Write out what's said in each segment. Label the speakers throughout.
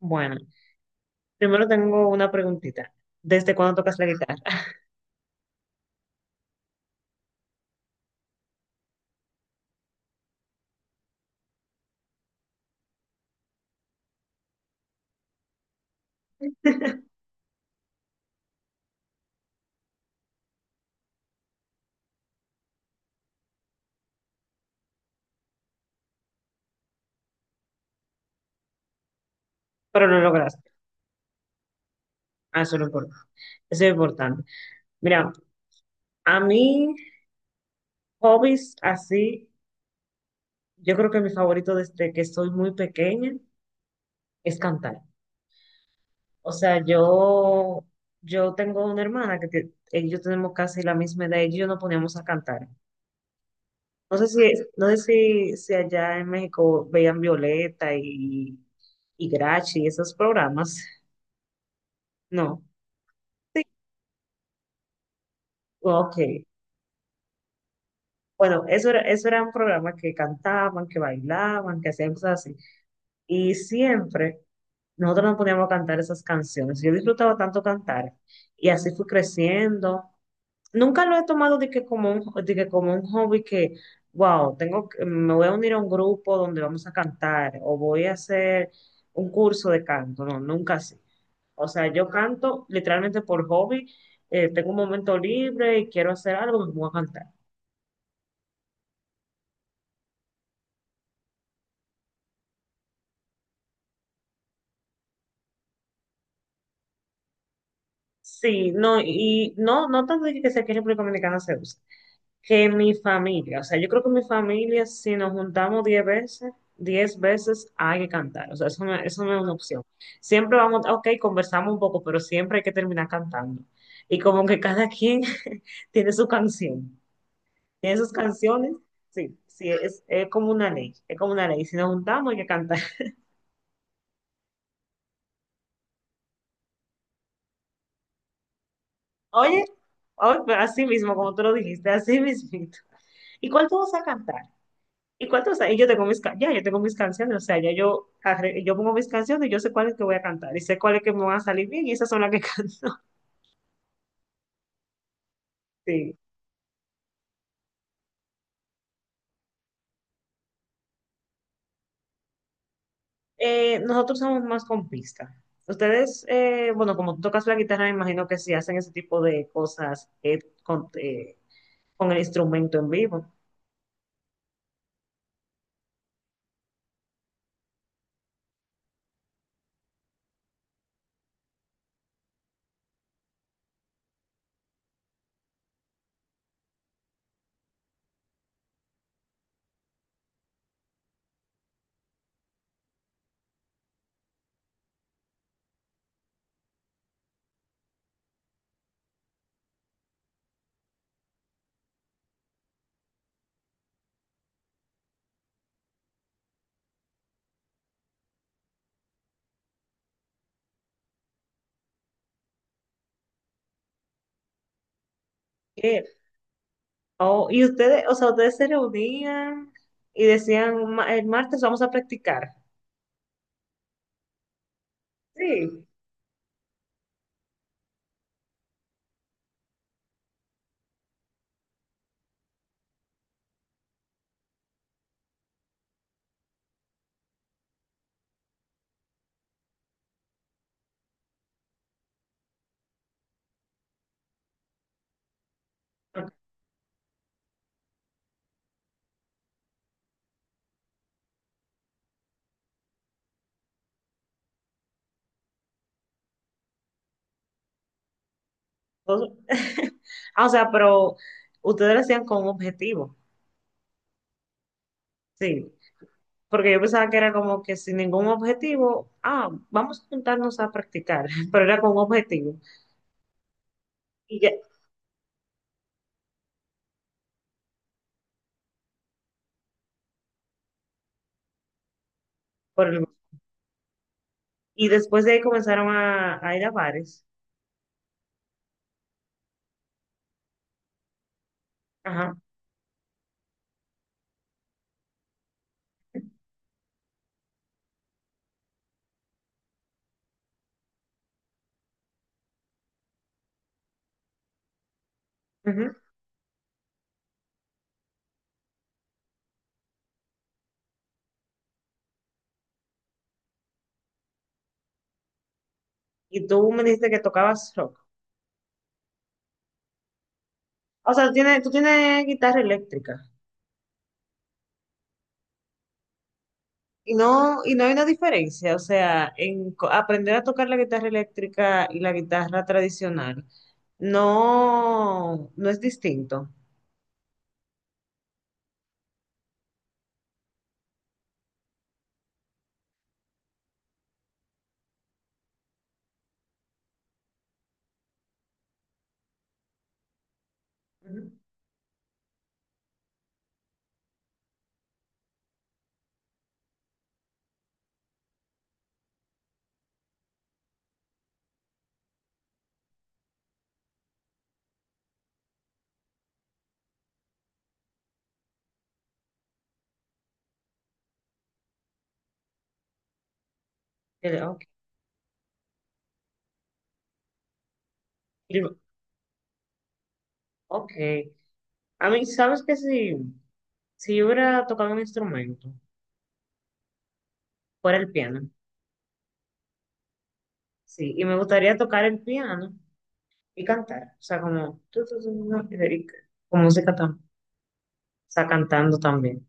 Speaker 1: Bueno, primero tengo una preguntita. ¿Desde cuándo tocas la guitarra? Pero lo lograste. Ah, eso es lo importante. Eso es importante. Mira, a mí, hobbies así, yo creo que mi favorito desde que soy muy pequeña es cantar. O sea, yo tengo una hermana que yo tenemos casi la misma edad y ella y yo nos poníamos a cantar. No sé si, no sé si, si allá en México veían Violeta y Grachi, esos programas. No. Sí. Ok. Bueno, eso era un programa que cantaban, que bailaban, que hacían cosas así. Y siempre nosotros nos poníamos a cantar esas canciones. Yo disfrutaba tanto cantar y así fui creciendo. Nunca lo he tomado de que como un hobby que, wow, tengo que- me voy a unir a un grupo donde vamos a cantar o voy a hacer un curso de canto. No, nunca así. O sea, yo canto literalmente por hobby. Tengo un momento libre y quiero hacer algo, me pongo a cantar. Sí, no, y no, no tanto de que sea que en República Dominicana se usa, que mi familia, o sea, yo creo que mi familia, si nos juntamos 10 veces hay que cantar, o sea, eso no es una opción. Siempre vamos, ok, conversamos un poco, pero siempre hay que terminar cantando. Y como que cada quien tiene su canción, tiene sus canciones, sí, sí, es como una ley, es como una ley, si nos juntamos hay que cantar. Oye, oye, pues, así mismo, como tú lo dijiste, así mismito. ¿Y cuál tú vas a cantar? ¿Y cuántos años? Yo tengo mis, ca- ya, yo tengo mis canciones, o sea, ya yo, arre- yo pongo mis canciones, yo sé cuáles que voy a cantar y sé cuáles que me van a salir bien y esas son las que canto. Sí. Nosotros somos más con pista. Ustedes, bueno, como tú tocas la guitarra, me imagino que sí hacen ese tipo de cosas con con el instrumento en vivo. Eh, oh, y ustedes, o sea, ustedes se reunían y decían, "Ma- el martes vamos a practicar". Sí. Ok. Entonces, ah, o sea, pero ustedes lo hacían con un objetivo. Sí, porque yo pensaba que era como que sin ningún objetivo, ah, vamos a juntarnos a practicar, pero era con un objetivo. Y ya, por el- y después de ahí comenzaron a ir a bares. Ajá. Ujú. Y tú me dijiste que tocabas rock. O sea, tú tienes guitarra eléctrica. Y no hay una diferencia, o sea, en co- aprender a tocar la guitarra eléctrica y la guitarra tradicional, no, no es distinto. Ujú. Ok. Yo- ok. A mí, ¿sabes que Si, si yo hubiera tocado un instrumento, fuera el piano, sí, y me gustaría tocar el piano y cantar, o sea, como, Federica, con música tam- o sea, cantando también.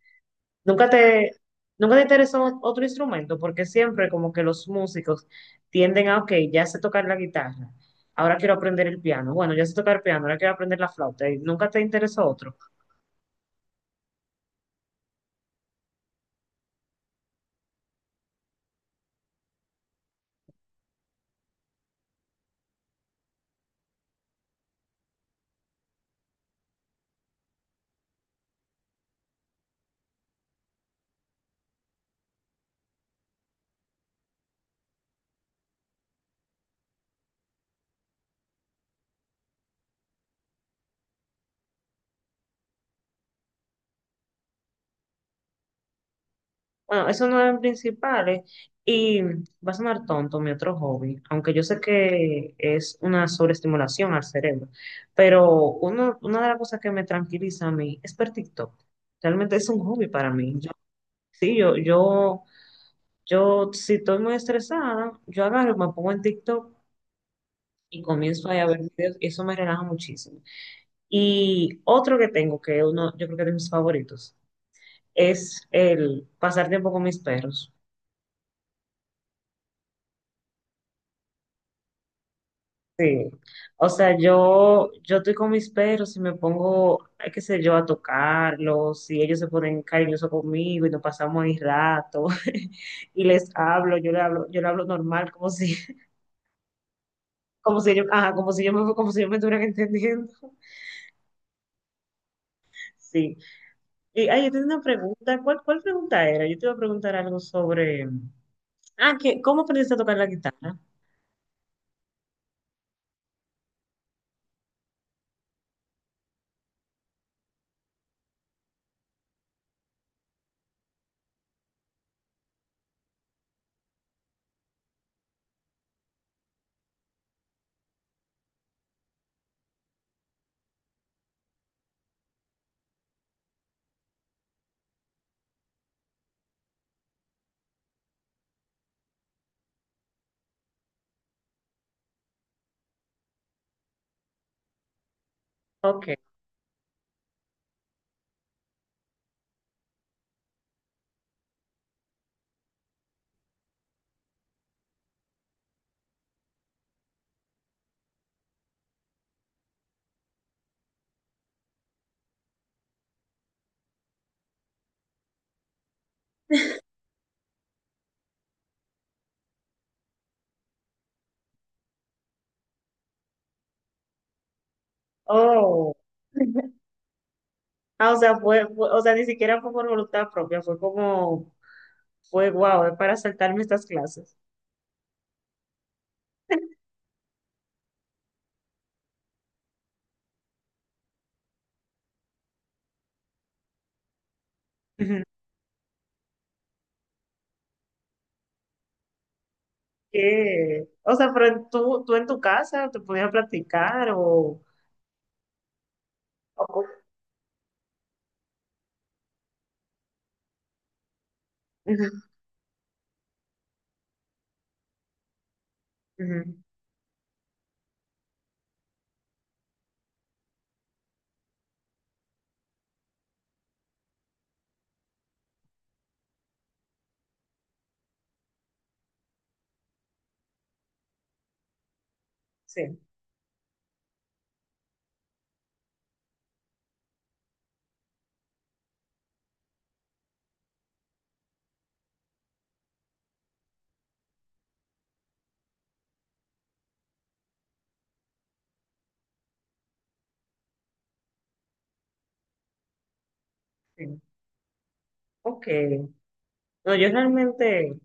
Speaker 1: Nunca te, nunca te interesó otro instrumento, porque siempre como que los músicos tienden a, ok, ya sé tocar la guitarra, ahora quiero aprender el piano, bueno, ya sé tocar el piano, ahora quiero aprender la flauta, y nunca te interesó otro. Bueno, eso no es principales. Y va a sonar tonto mi otro hobby, aunque yo sé que es una sobreestimulación al cerebro, pero una de las cosas que me tranquiliza a mí es ver TikTok. Realmente es un hobby para mí. Sí, yo, si estoy muy estresada, yo agarro, me pongo en TikTok y comienzo ahí a ver videos y eso me relaja muchísimo. Y otro que tengo, que uno, yo creo que es de mis favoritos, es el pasar tiempo con mis perros. Sí, o sea, yo estoy con mis perros y me pongo, qué sé yo, a tocarlos, y ellos se ponen cariñosos conmigo y nos pasamos ahí rato, y les hablo, yo le hablo normal, como si, como si yo, ajá, como si yo me estuvieran entendiendo. Sí. Y ay, yo tengo una pregunta, ¿cuál pregunta era? Yo te iba a preguntar algo sobre, ah, que, ¿cómo aprendiste a tocar la guitarra? Ok. Oh. Ah, o sea, o sea, ni siquiera fue por voluntad propia, fue como fue guau para saltarme estas clases. Ujú. Que, o sea, pero en tú en tu casa te podías practicar o... o- ujú, ujú. Sí, sí. Ok. No, yo realmente,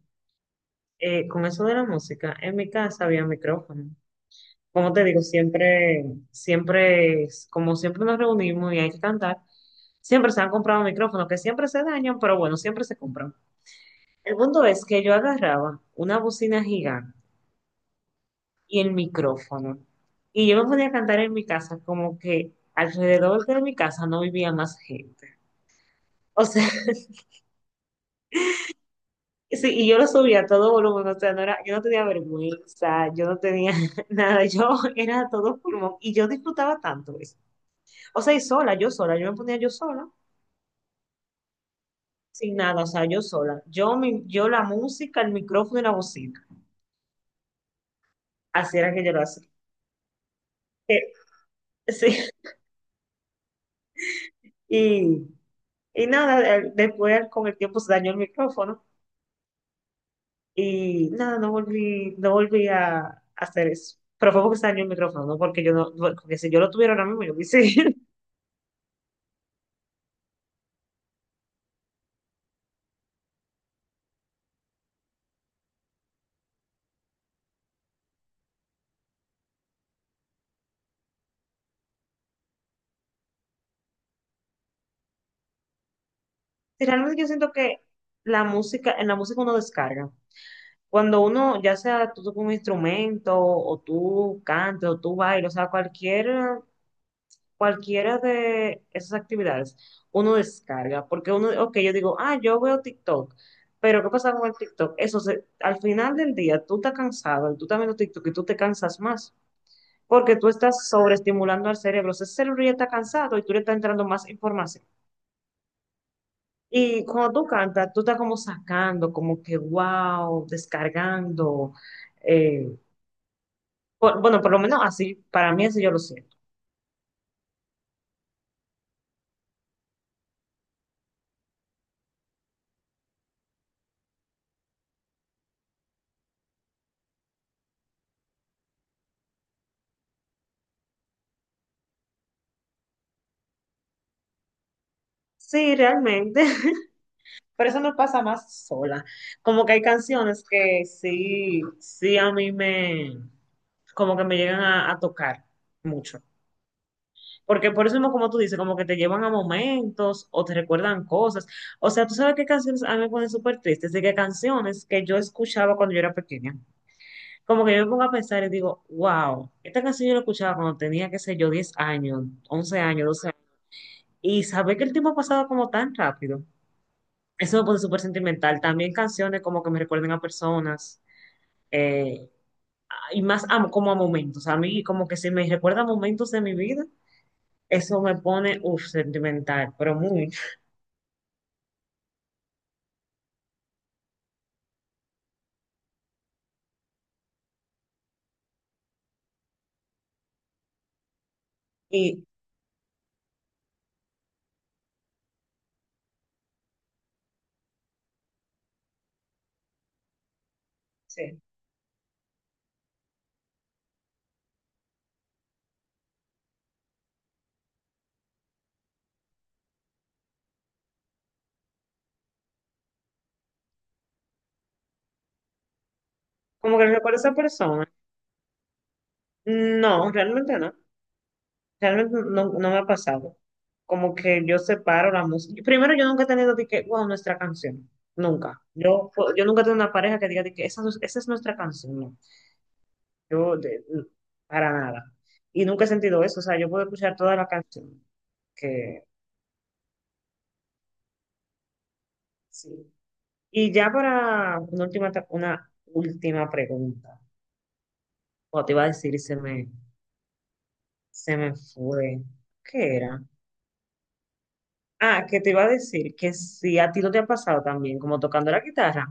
Speaker 1: con eso de la música, en mi casa había micrófono. Como te digo, siempre, siempre, es- como siempre nos reunimos y hay que cantar, siempre se han comprado micrófonos que siempre se dañan, pero bueno, siempre se compran. El punto es que yo agarraba una bocina gigante y el micrófono. Y yo me podía cantar en mi casa, como que alrededor de mi casa no vivía más gente. O sea, sí, y yo lo subía a todo volumen, o sea, no era, yo no tenía vergüenza, yo no tenía nada, yo era a todo pulmón y yo disfrutaba tanto eso. O sea, y sola, yo me ponía yo sola, sin nada, o sea, yo sola. Yo la música, el micrófono y la bocina. Así era que yo lo hacía. Eh, sí, y, y nada, después con el tiempo se dañó el micrófono. Y nada, no volví a hacer eso. Pero fue porque se dañó el micrófono, no porque yo porque si yo lo tuviera ahora mismo, yo hubiese. Realmente yo siento que la música, en la música uno descarga. Cuando uno, ya sea tú tocas un instrumento, o tú cantes, o tú bailas, o sea, cualquiera de esas actividades, uno descarga. Porque uno, ok, yo digo, ah, yo veo TikTok. Pero ¿qué pasa con el TikTok? Eso, se- al final del día, tú estás cansado, y tú también lo TikTok y tú te cansas más. Porque tú estás sobreestimulando al cerebro. O sea, ese cerebro ya está cansado y tú le estás entrando más información. Y cuando tú cantas, tú estás como sacando, como que wow, descargando. eh, por- bueno, por lo menos así, para mí así yo lo siento. Sí, realmente, pero eso no pasa más sola. Como que hay canciones que sí, como que me llegan a tocar mucho. Porque por eso mismo, como tú dices, como que te llevan a momentos o te recuerdan cosas. O sea, tú sabes qué canciones a mí me ponen súper tristes, de qué canciones que yo escuchaba cuando yo era pequeña. Como que yo me pongo a pensar y digo, wow, esta canción yo la escuchaba cuando tenía, qué sé yo, 10 años, 11 años, 12 años. Y saber que el tiempo ha pasado como tan rápido. Eso me pone súper sentimental. También canciones como que me recuerden a personas. eh, y más a- como a momentos. A mí como que si me recuerda momentos de mi vida. Eso me pone, uff, sentimental, pero muy. Y sí, como que recuerdo a esa persona. No, realmente no. Realmente no, no me ha pasado. Como que yo separo la música. Primero, yo nunca he tenido de que, wow, nuestra canción. Nunca. Yo nunca he tenido una pareja que diga de que esa es nuestra canción. No. Yo, de- no, para nada. Y nunca he sentido eso. O sea, yo puedo escuchar toda la canción. Que sí. Y ya para una última pregunta. O te iba a decir, se me fue. ¿Qué era? Ah, que te iba a decir que si a ti no te ha pasado también, como tocando la guitarra,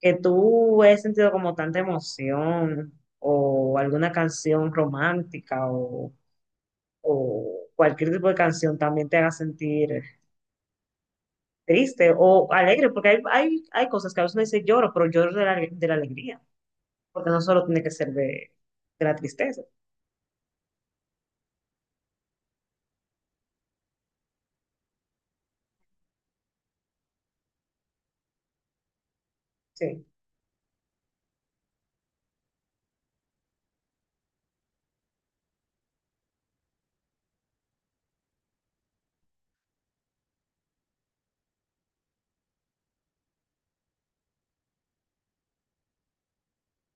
Speaker 1: que tú has sentido como tanta emoción o alguna canción romántica o cualquier tipo de canción también te haga sentir triste o alegre, porque hay cosas que a veces uno dice lloro, pero lloro de de la alegría, porque no solo tiene que ser de la tristeza. Sí.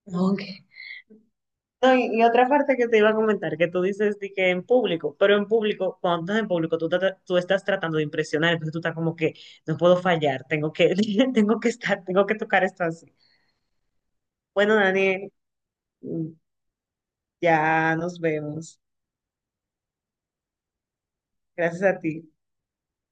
Speaker 1: Ok. No, y otra parte que te iba a comentar, que tú dices de que en público, pero en público, cuando estás en público, tú estás tratando de impresionar, entonces tú estás como que no puedo fallar, tengo que, tengo que estar, tengo que tocar esto así. Bueno, Daniel, ya nos vemos. Gracias a ti.